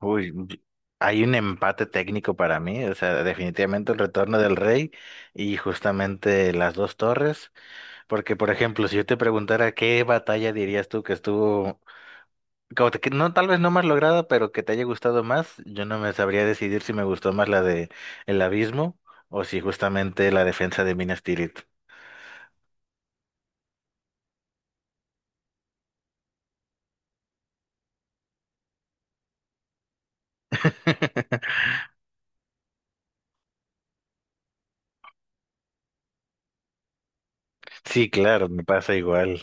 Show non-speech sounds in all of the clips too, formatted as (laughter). Uy, hay un empate técnico para mí, o sea, definitivamente el retorno del rey y justamente las dos torres, porque por ejemplo, si yo te preguntara qué batalla dirías tú que estuvo, como que no, tal vez no más lograda, pero que te haya gustado más, yo no me sabría decidir si me gustó más la de el abismo o si justamente la defensa de Minas Tirith. (laughs) Sí, claro, me pasa igual.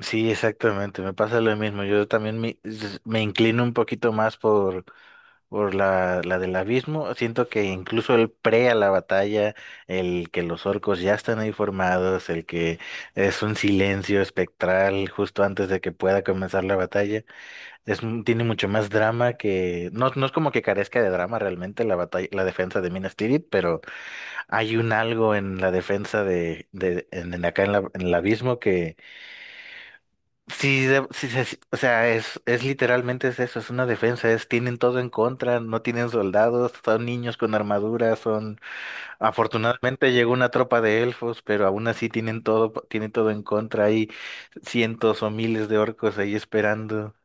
Sí, exactamente, me pasa lo mismo. Yo también me, me inclino un poquito más por la del abismo. Siento que incluso el pre a la batalla, el que los orcos ya están ahí formados, el que es un silencio espectral justo antes de que pueda comenzar la batalla, es, tiene mucho más drama que. No, no es como que carezca de drama realmente la batalla, la defensa de Minas Tirith, pero hay un algo en la defensa de en acá en el abismo que sí, sí, sí, sí, o sea, es literalmente es eso, es una defensa, es, tienen todo en contra, no tienen soldados, son niños con armaduras, son, afortunadamente llegó una tropa de elfos, pero aún así tienen todo en contra, hay cientos o miles de orcos ahí esperando.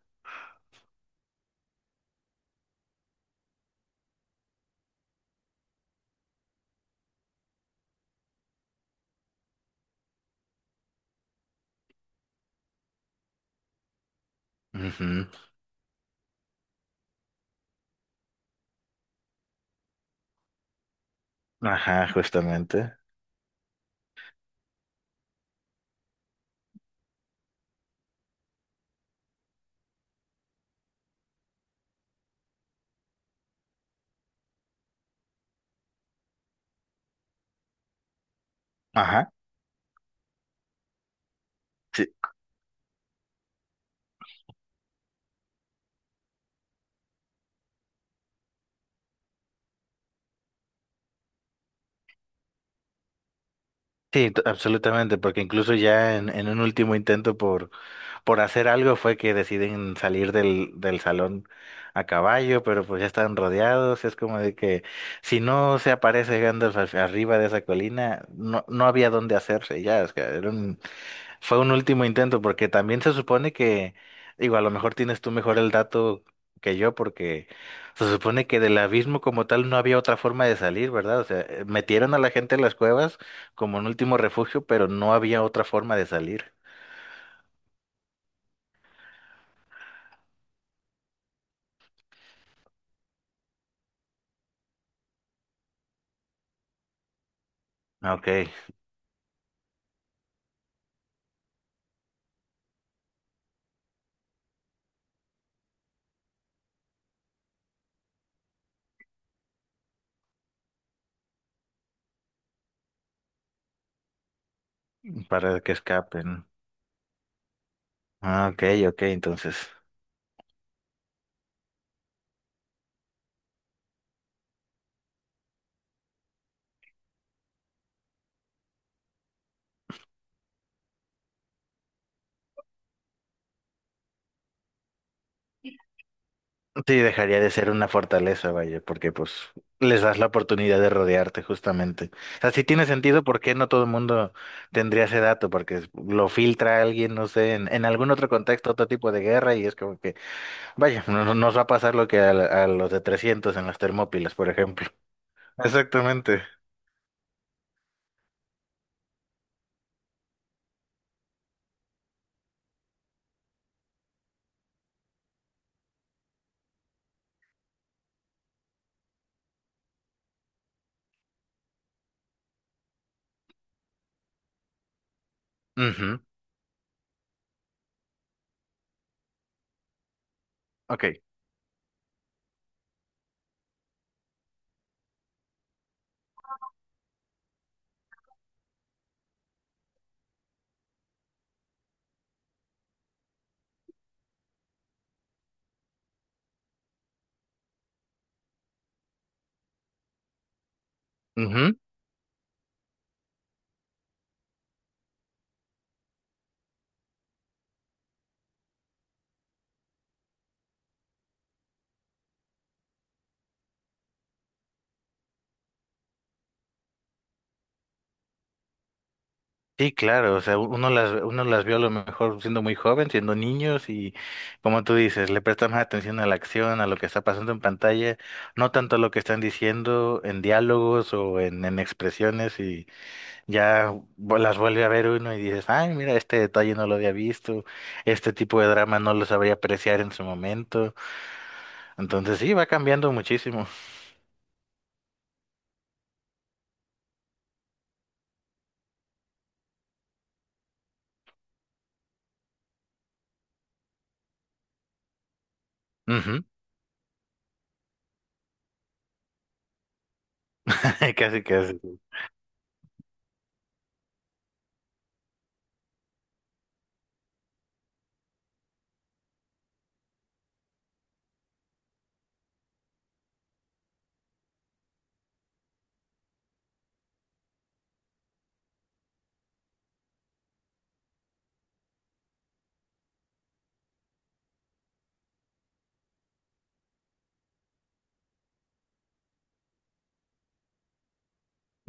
Ujú. Ajá, justamente. Ajá. Sí, sí, absolutamente, porque incluso ya en un último intento por hacer algo fue que deciden salir del, del salón a caballo, pero pues ya están rodeados. Es como de que si no se aparece Gandalf arriba de esa colina, no, no había dónde hacerse ya. O sea, fue un último intento, porque también se supone que, digo, a lo mejor tienes tú mejor el dato que yo, porque se supone que del abismo como tal no había otra forma de salir, ¿verdad? O sea, metieron a la gente en las cuevas como un último refugio, pero no había otra forma de salir. Ok, para que escapen. Ah, ok, ok, entonces. Sí, dejaría de ser una fortaleza, vaya, porque pues les das la oportunidad de rodearte justamente. O sea, sí tiene sentido por qué no todo el mundo tendría ese dato, porque lo filtra alguien, no sé, en algún otro contexto, otro tipo de guerra, y es como que, vaya, no, no nos va a pasar lo que a, a los de 300 en las Termópilas, por ejemplo. Exactamente. Ujú, ok. Ujú. Sí, claro, o sea, uno las vio a lo mejor siendo muy joven, siendo niños y como tú dices, le prestan más atención a la acción, a lo que está pasando en pantalla, no tanto a lo que están diciendo en diálogos o en expresiones y ya las vuelve a ver uno y dices, ay, mira, este detalle no lo había visto, este tipo de drama no lo sabría apreciar en su momento, entonces sí, va cambiando muchísimo. Ujú. (laughs) Casi, casi.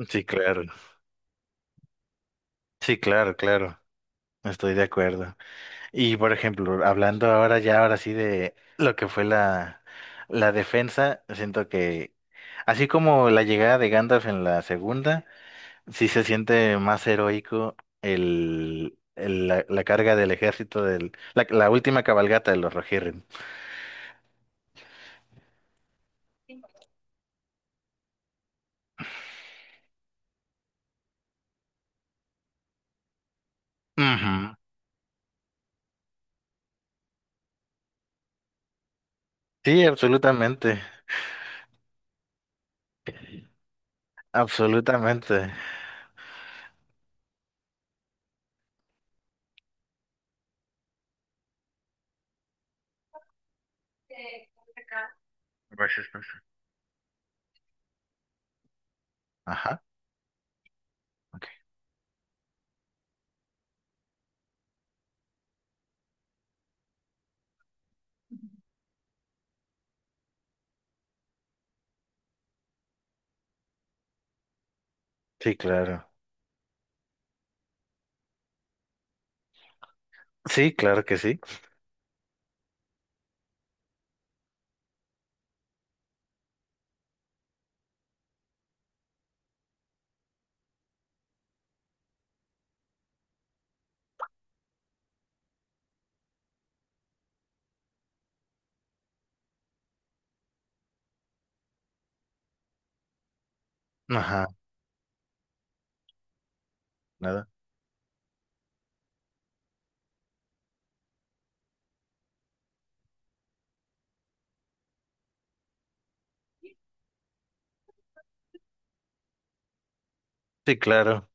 Sí, claro, sí, claro, claro, estoy de acuerdo. Y por ejemplo, hablando ahora ya, ahora sí de lo que fue la, la defensa, siento que así como la llegada de Gandalf en la segunda, sí se siente más heroico el, la carga del ejército del, la última cabalgata de los Rohirrim. Ujú. Sí, absolutamente, absolutamente. Gracias, Pastor. Ajá, ok. Sí, claro. Sí, claro que sí. Ajá, nada. Sí, claro.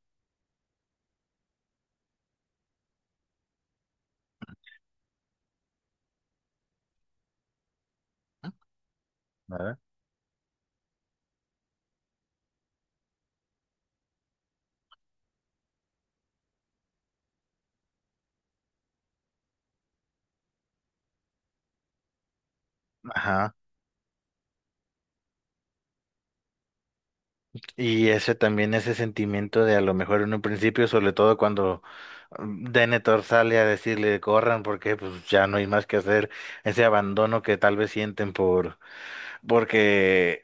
Nada. Ajá. Y ese también, ese sentimiento de a lo mejor en un principio, sobre todo cuando mm, Denethor sale a decirle corran porque pues ya no hay más que hacer, ese abandono que tal vez sienten por porque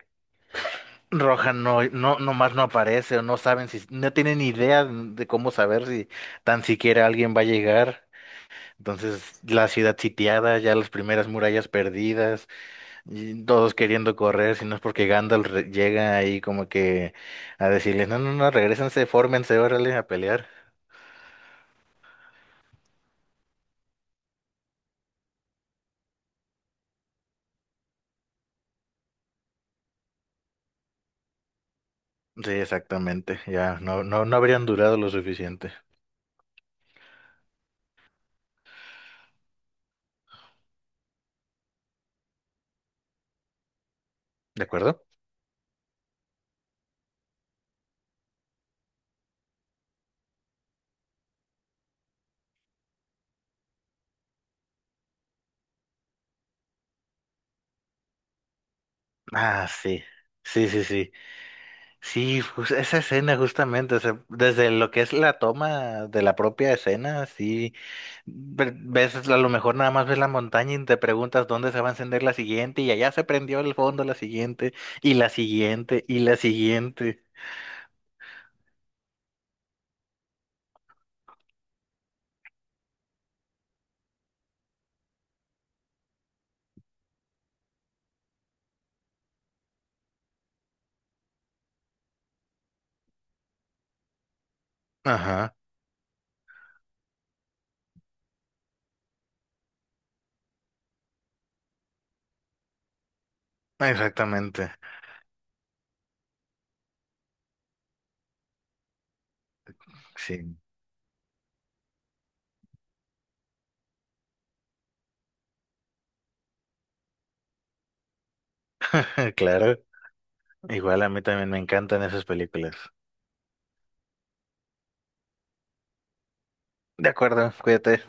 Rohan no, no, nomás no aparece o no saben si, no tienen idea de cómo saber si tan siquiera alguien va a llegar. Entonces, la ciudad sitiada, ya las primeras murallas perdidas. Y todos queriendo correr, si no es porque Gandalf llega ahí como que a decirles, no, no, no, regrésense, fórmense, órale, a pelear. Sí, exactamente, ya, no, no, no habrían durado lo suficiente, ¿de acuerdo? Ah, sí, sí, sí, sí, sí, pues esa escena justamente, o sea, desde lo que es la toma de la propia escena, sí, ves, a lo mejor nada más ves la montaña y te preguntas dónde se va a encender la siguiente, y allá se prendió el fondo la siguiente, y la siguiente, y la siguiente. Ajá, exactamente. Sí, (laughs) claro. Igual a mí también me encantan esas películas. De acuerdo, cuídate.